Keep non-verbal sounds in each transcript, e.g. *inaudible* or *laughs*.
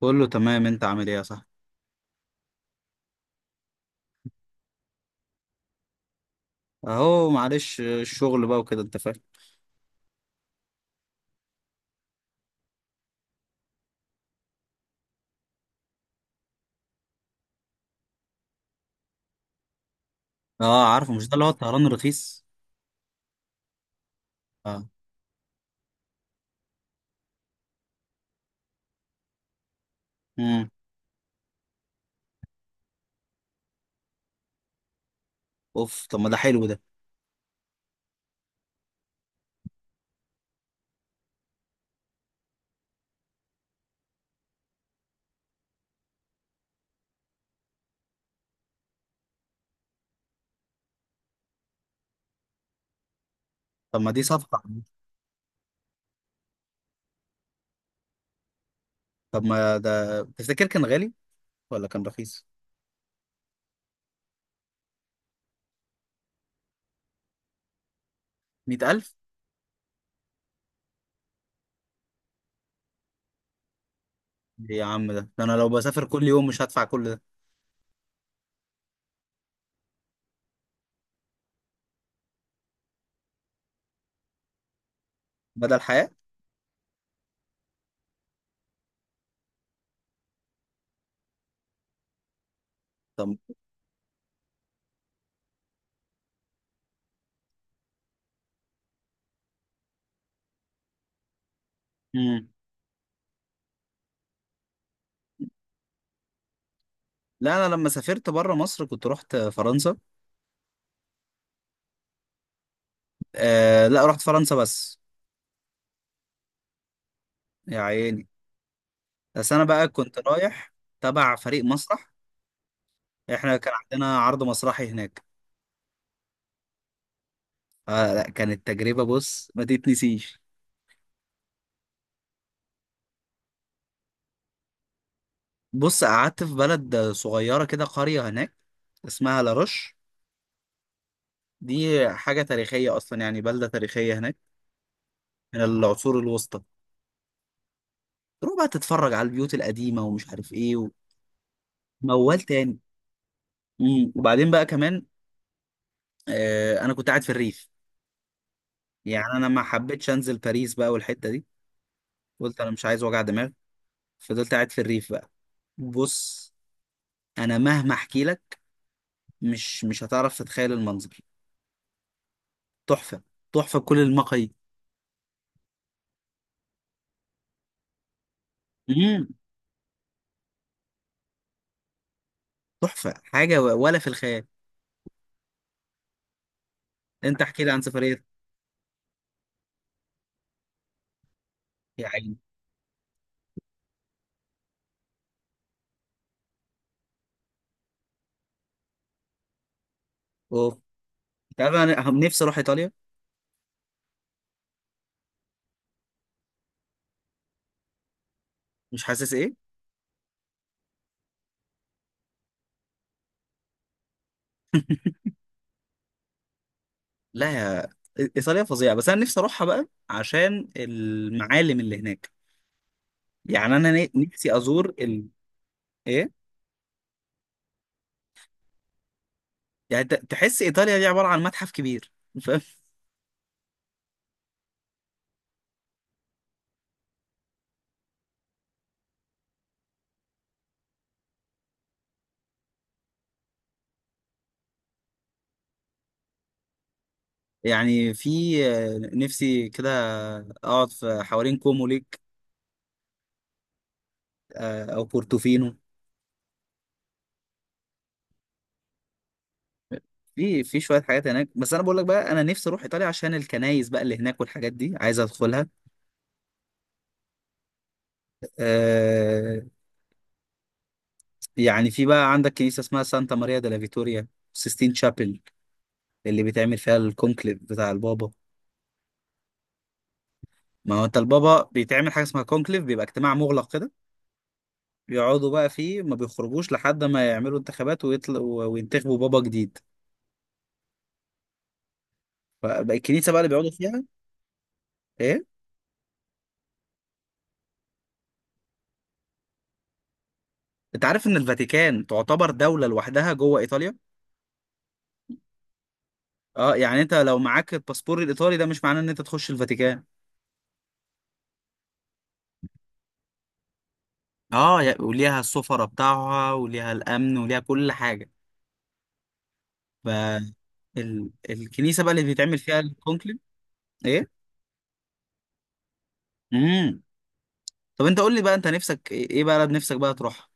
كله تمام. انت عامل ايه يا صاحبي؟ اهو معلش، الشغل بقى وكده انت فاهم. اه، عارفه، مش ده اللي هو الطيران الرخيص؟ اه. امم. اوف، طب ما ده حلو ده. طب ما دي صفقة. طب ما ده تفتكر كان غالي ولا كان رخيص؟ 100000؟ إيه يا عم، ده انا لو بسافر كل يوم مش هدفع كل ده. بدل حياة. طب. امم. لا، انا لما سافرت بره مصر كنت رحت فرنسا. آه لا، رحت فرنسا بس. يا عيني. بس انا بقى كنت رايح تبع فريق مسرح. احنا كان عندنا عرض مسرحي هناك. اه لا، كانت تجربة بص ما تتنسيش. بص، قعدت في بلد صغيرة كده، قرية هناك اسمها لاروش. دي حاجة تاريخية أصلا، يعني بلدة تاريخية هناك من العصور الوسطى. تروح بقى تتفرج على البيوت القديمة ومش عارف إيه وموال تاني. مم. وبعدين بقى كمان آه أنا كنت قاعد في الريف. يعني أنا ما حبيتش أنزل باريس بقى والحتة دي. قلت أنا مش عايز وجع دماغ. فضلت قاعد في الريف بقى. بص، أنا مهما أحكي لك مش هتعرف تتخيل المنظر. تحفة. تحفة بكل المقاييس. امم. تحفه حاجه ولا في الخيال. انت احكي لي عن سفريه. يا عيني. اوف. انت عارف انا نفسي اروح ايطاليا. مش حاسس ايه؟ لا يا. ايطاليا فظيعه، بس انا نفسي اروحها بقى عشان المعالم اللي هناك. يعني انا نفسي ازور. ايه؟ يعني تحس ايطاليا دي عباره عن متحف كبير، *laughs* فاهم. يعني في. آه، نفسي كده اقعد في حوالين كومو ليك. آه، او بورتوفينو. في شويه حاجات هناك، بس انا بقول لك بقى انا نفسي اروح ايطاليا عشان الكنايس بقى اللي هناك والحاجات دي عايز ادخلها. آه. يعني في بقى عندك كنيسة اسمها سانتا ماريا دella فيتوريا، سيستين شابل اللي بيتعمل فيها الكونكليف بتاع البابا. ما هو انت البابا بيتعمل حاجة اسمها كونكليف، بيبقى اجتماع مغلق كده. بيقعدوا بقى فيه ما بيخرجوش لحد ما يعملوا انتخابات وينتخبوا بابا جديد. فبقى الكنيسة بقى اللي بيقعدوا فيها. ايه. انت عارف ان الفاتيكان تعتبر دولة لوحدها جوه ايطاليا. اه، يعني انت لو معاك الباسبور الايطالي ده مش معناه ان انت تخش الفاتيكان. اه، وليها السفرة بتاعها وليها الامن وليها كل حاجة. فالكنيسة بقى اللي بيتعمل فيها الكونكليف. ايه. امم. طب انت قول لي بقى، انت نفسك ايه، إيه بلد نفسك بقى تروح؟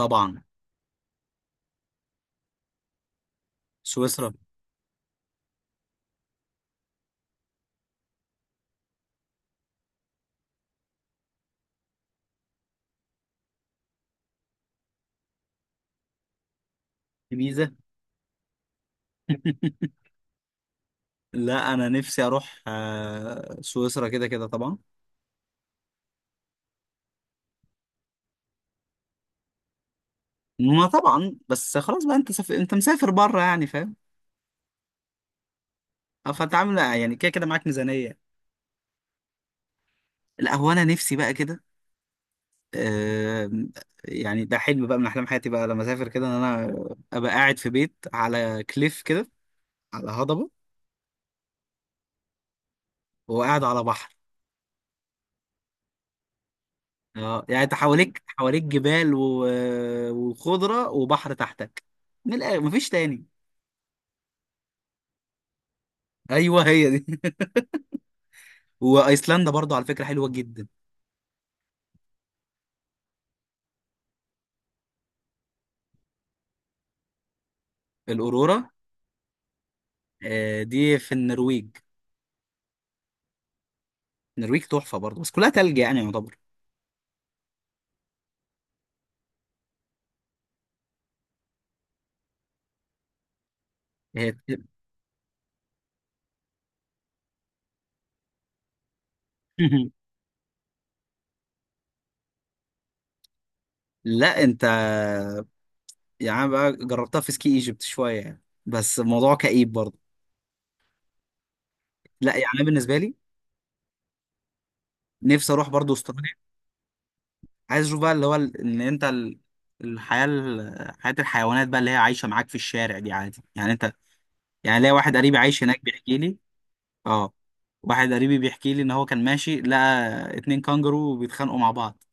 طبعا. سويسرا. الجيزة. *laughs* لا انا نفسي اروح آه، سويسرا كده كده طبعا. ما طبعا، بس خلاص بقى، انت انت مسافر بره يعني فاهم. أو فانت عامل يعني كده كده معاك ميزانية. لا هو انا نفسي بقى كده آه، يعني ده حلم بقى من احلام حياتي بقى لما اسافر كده، ان انا ابقى قاعد في بيت على كليف كده، على هضبة وقاعد على بحر. اه، يعني انت حواليك حواليك جبال و... وخضره وبحر تحتك. من الآخر مفيش تاني. *laughs* ايوه هي دي. *laughs* وايسلندا برضو على فكره حلوه جدا. الاورورا. آه، دي في النرويج. النرويج تحفه برضو بس كلها تلج يعني يعتبر. هي. *laughs* لا انت، يعني بقى جربتها في سكي ايجيبت شويه يعني بس الموضوع كئيب برضو. لا، يعني انا بالنسبه لي نفسي اروح برضو استراليا. عايز اشوف بقى اللي هو ان انت حياه الحيوانات بقى اللي هي عايشه معاك في الشارع دي عادي يعني انت. يعني ليا واحد قريبي عايش هناك بيحكي لي. اه. واحد قريبي بيحكي لي ان هو كان ماشي لقى اتنين كانجرو بيتخانقوا مع بعض،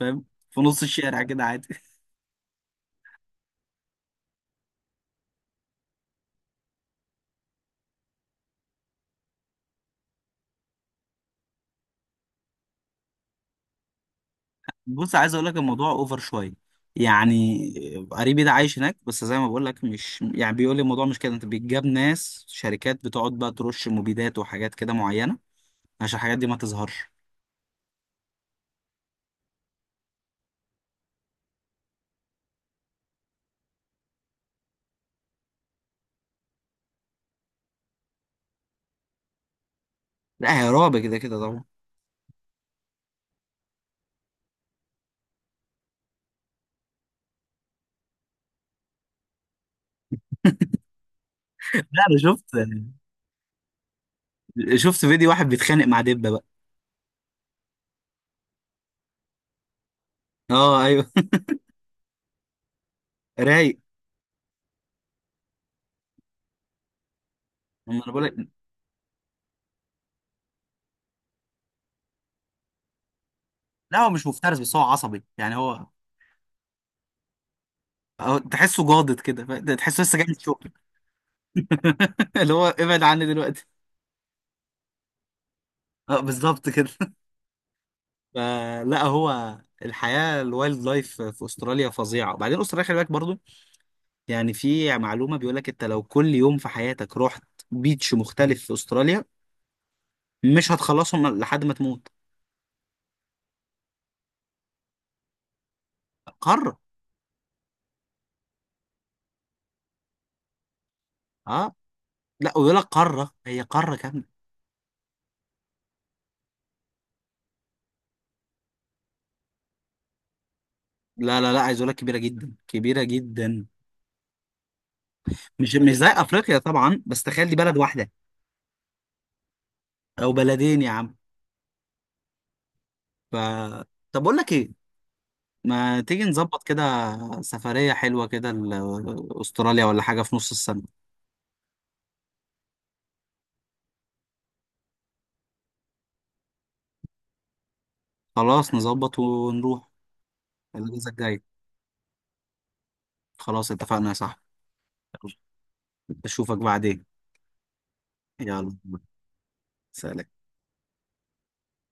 فاهم، في نص الشارع كده عادي. *laughs* بص، عايز اقول لك الموضوع اوفر شويه يعني. قريبي ده عايش هناك بس زي ما بقول لك مش يعني بيقول لي الموضوع مش كده. انت بيتجاب ناس شركات بتقعد بقى ترش مبيدات وحاجات كده معينه عشان الحاجات دي ما تظهرش. لا هي رعب كده كده طبعا. *laughs* لا انا شفت فيديو واحد بيتخانق مع دبه بقى. اه ايوه. *laughs* رايق. أما انا بقول لك، لا هو مش مفترس بس هو عصبي. يعني هو تحسه جاضد كده، تحسه لسه جاي من الشغل. *laughs* اللي هو ابعد عني دلوقتي. اه بالظبط كده. فلا هو، الحياه الوايلد لايف في استراليا فظيعه. وبعدين استراليا خلي بالك برضو، يعني في معلومه بيقول لك انت لو كل يوم في حياتك رحت بيتش مختلف في استراليا مش هتخلصهم لحد ما تموت. قاره. اه، لا ويقول لك قاره، هي قاره كامله. لا لا لا، عايز اقول لك كبيره جدا كبيره جدا. مش زي افريقيا طبعا، بس تخيل دي بلد واحده او بلدين يا عم. ف... طب اقول لك ايه، ما تيجي نظبط كده سفرية حلوة كده استراليا ولا حاجة في نص السنة. خلاص نظبط ونروح. الاجازة الجاية. خلاص اتفقنا يا صاحبي. يلا، اشوفك بعدين. يلا. سلام.